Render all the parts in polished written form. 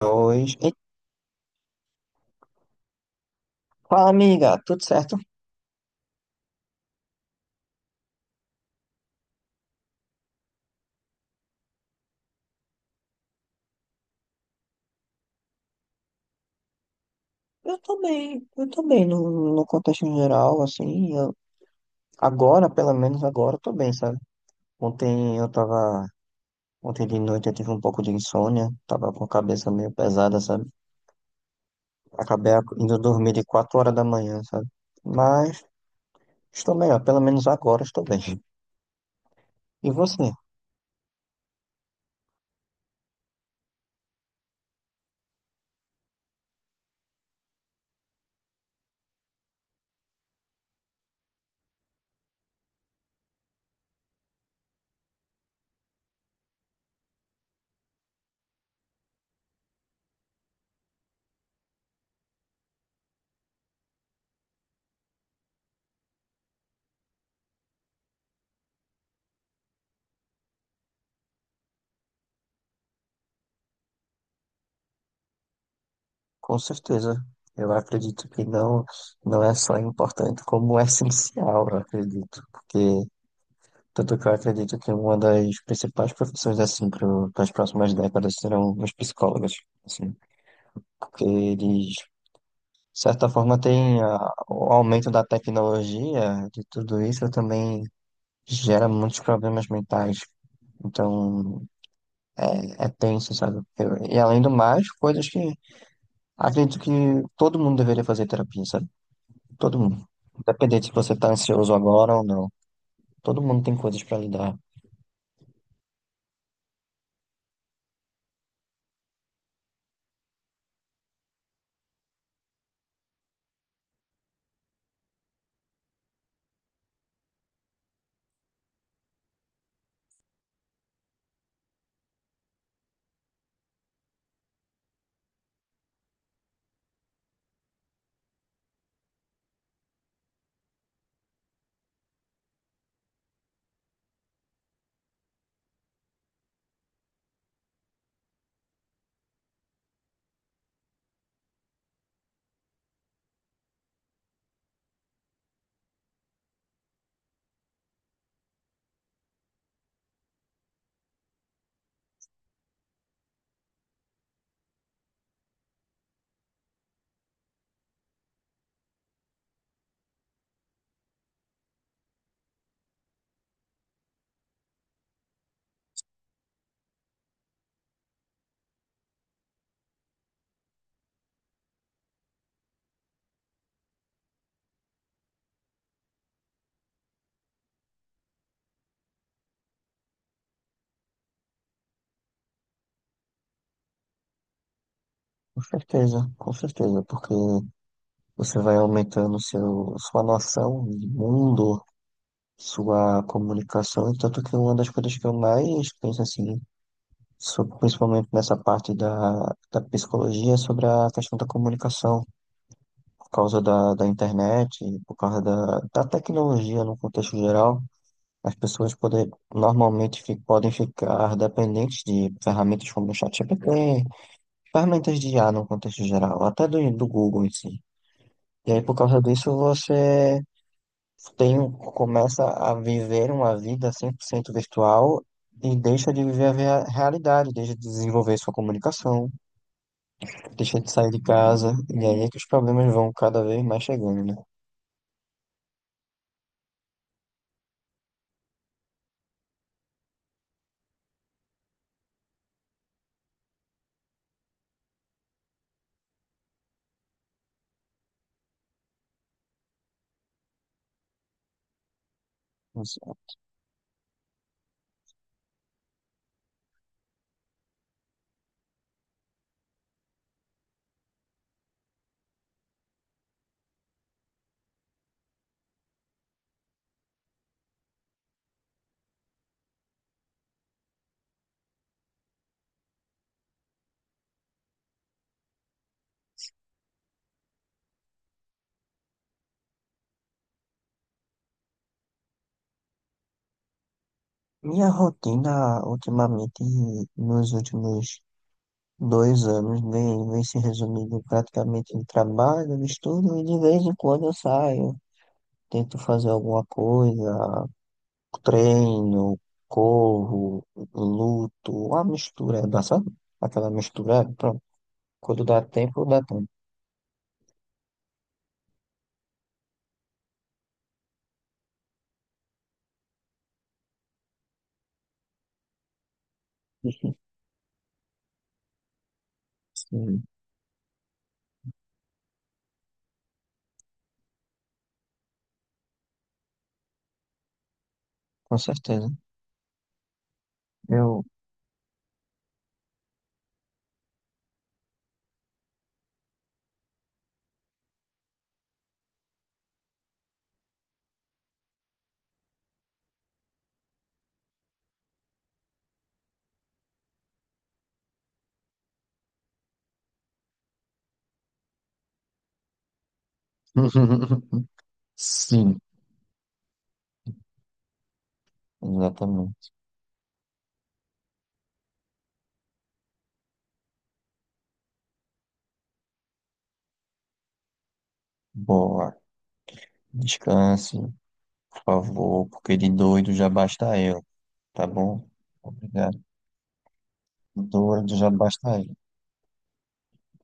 Dois. E fala, amiga, tudo certo? Eu tô bem no contexto geral, assim, eu, agora, pelo menos agora, eu tô bem, sabe? Ontem eu tava, ontem de noite eu tive um pouco de insônia, tava com a cabeça meio pesada, sabe? Indo dormir de quatro horas da manhã, sabe? Mas estou melhor, pelo menos agora estou bem. E você? Com certeza. Eu acredito que não é só importante, como é essencial, eu acredito, porque tanto que eu acredito que uma das principais profissões, assim, para as próximas décadas serão os psicólogos, assim, porque eles, de certa forma, o aumento da tecnologia, de tudo isso, também gera muitos problemas mentais. Então, é tenso, sabe? E além do mais, coisas que acredito que todo mundo deveria fazer terapia, sabe? Todo mundo. Independente se você está ansioso agora ou não. Todo mundo tem coisas para lidar. Com certeza, porque você vai aumentando sua noção de mundo, sua comunicação, e tanto que uma das coisas que eu mais penso assim, principalmente nessa parte da psicologia, é sobre a questão da comunicação, por causa da internet, por causa da tecnologia no contexto geral, as pessoas podem ficar dependentes de ferramentas como o ChatGPT, ferramentas de IA no contexto geral, até do Google em si. E aí, por causa disso, você começa a viver uma vida 100% virtual e deixa de viver a realidade, deixa de desenvolver sua comunicação, deixa de sair de casa, e aí é que os problemas vão cada vez mais chegando, né? Nossa. Minha rotina, ultimamente, nos últimos dois anos, vem se resumindo praticamente em trabalho, no estudo, e de vez em quando eu saio, tento fazer alguma coisa, treino, corro, luto, uma mistura, dá, sabe? Aquela mistura, pronto. Quando dá tempo, dá tempo. Sim, com certeza. Eu. Sim, exatamente. Boa. Descanse, por favor, porque de doido já basta eu, tá bom? Obrigado. Doido já basta eu.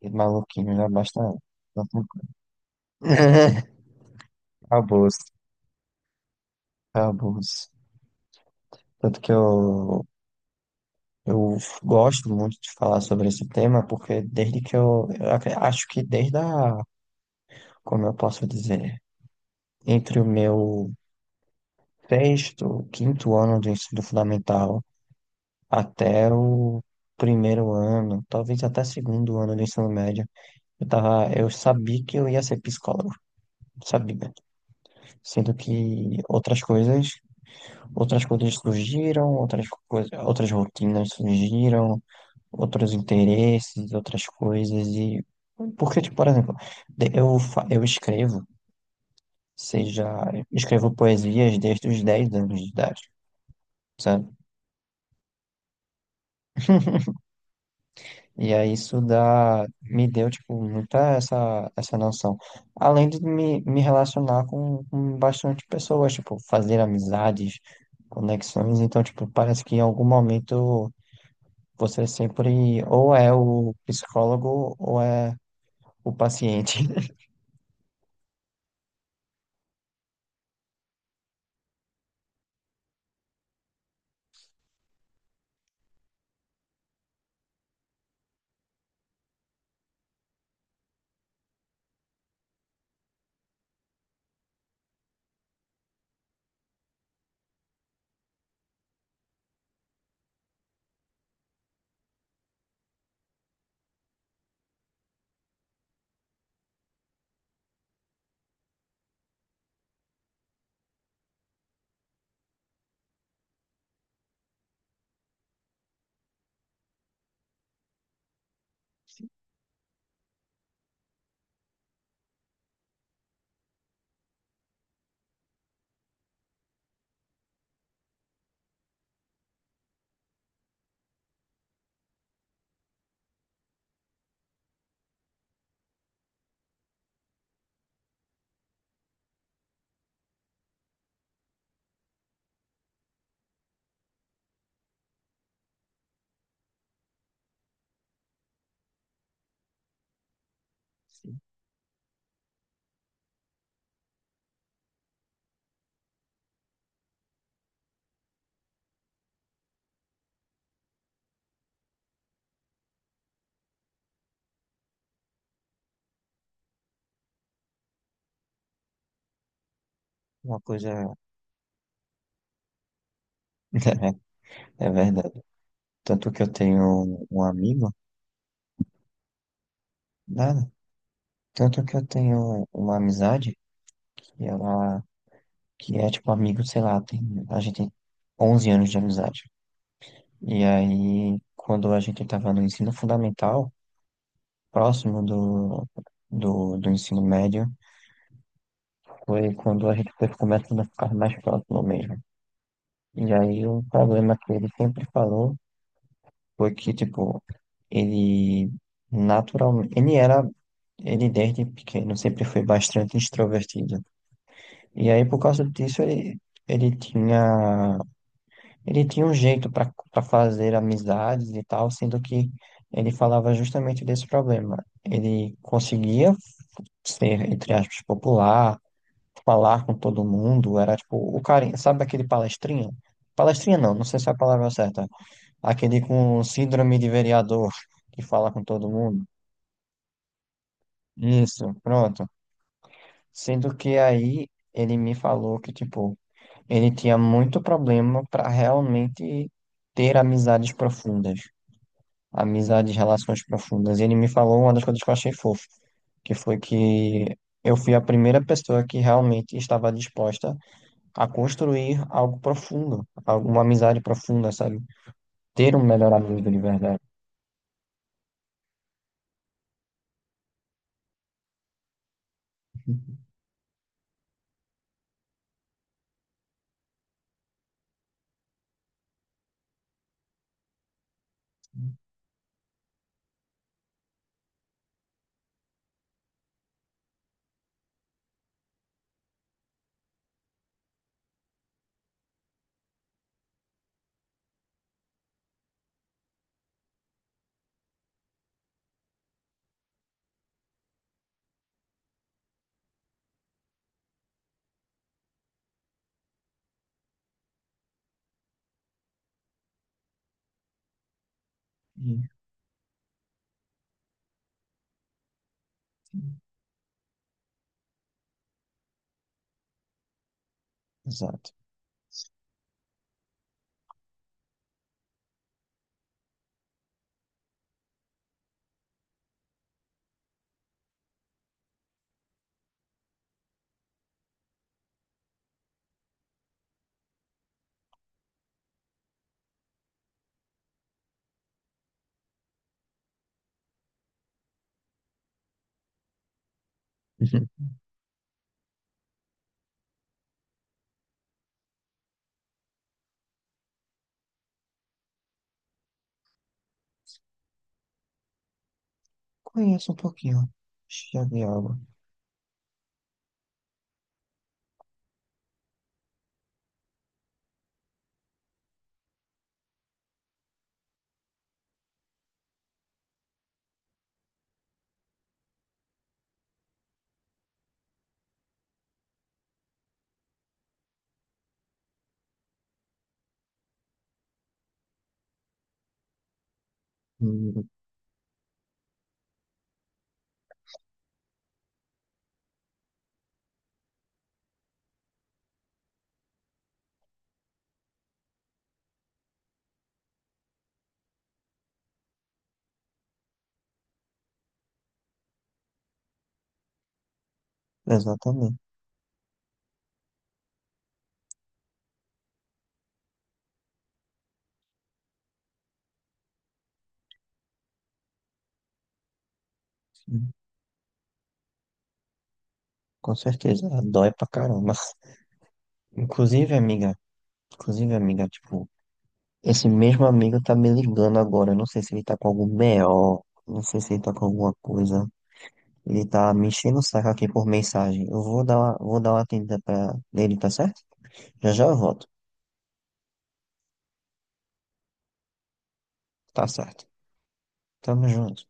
De maluquinho já basta eu. Tá bom? Acabou-se, acabou-se. Tanto que eu. Eu gosto muito de falar sobre esse tema porque desde que acho que desde a, como eu posso dizer, entre o meu sexto, quinto ano do ensino fundamental até o primeiro ano, talvez até segundo ano do ensino médio, eu sabia que eu ia ser psicólogo, sabia. Sendo que outras coisas, outras coisas surgiram, outras coisas, outras rotinas surgiram, outros interesses, outras coisas e porque, tipo, por exemplo, eu escrevo, seja, eu escrevo poesias desde os 10 anos de idade, sabe? E aí isso dá, me deu, tipo, muita essa, essa noção. Além de me relacionar com bastante pessoas, tipo, fazer amizades, conexões. Então, tipo, parece que em algum momento você sempre ou é o psicólogo ou é o paciente. Uma coisa é verdade. Tanto que eu tenho um amigo, nada. Tanto que eu tenho uma amizade que ela, que é tipo amigo, sei lá, tem, a gente tem 11 anos de amizade. E aí, quando a gente tava no ensino fundamental, próximo do, do ensino médio, foi quando a gente foi começando a ficar mais próximo mesmo. E aí, o problema que ele sempre falou foi que, tipo, ele naturalmente, ele era ele desde pequeno sempre foi bastante extrovertido. E aí, por causa disso, ele tinha, ele tinha um jeito para fazer amizades e tal, sendo que ele falava justamente desse problema. Ele conseguia ser, entre aspas, popular, falar com todo mundo, era tipo o carinha, sabe aquele palestrinha? Palestrinha não, não sei se é a palavra certa. Aquele com síndrome de vereador que fala com todo mundo. Isso, pronto. Sendo que aí ele me falou que, tipo, ele tinha muito problema para realmente ter amizades profundas, amizades, relações profundas. E ele me falou uma das coisas que eu achei fofo, que foi que eu fui a primeira pessoa que realmente estava disposta a construir algo profundo, alguma amizade profunda, sabe? Ter um melhor amigo de verdade. Exato. Conheço um pouquinho. Acho que já vi algo. Hum. Exatamente. Com certeza, dói pra caramba. Inclusive, amiga, inclusive, amiga, tipo, esse mesmo amigo tá me ligando agora. Eu não sei se ele tá com algum BO, não sei se ele tá com alguma coisa. Ele tá me enchendo o saco aqui por mensagem. Eu vou dar uma atendida pra ele, tá certo? Já já eu volto. Tá certo. Tamo junto.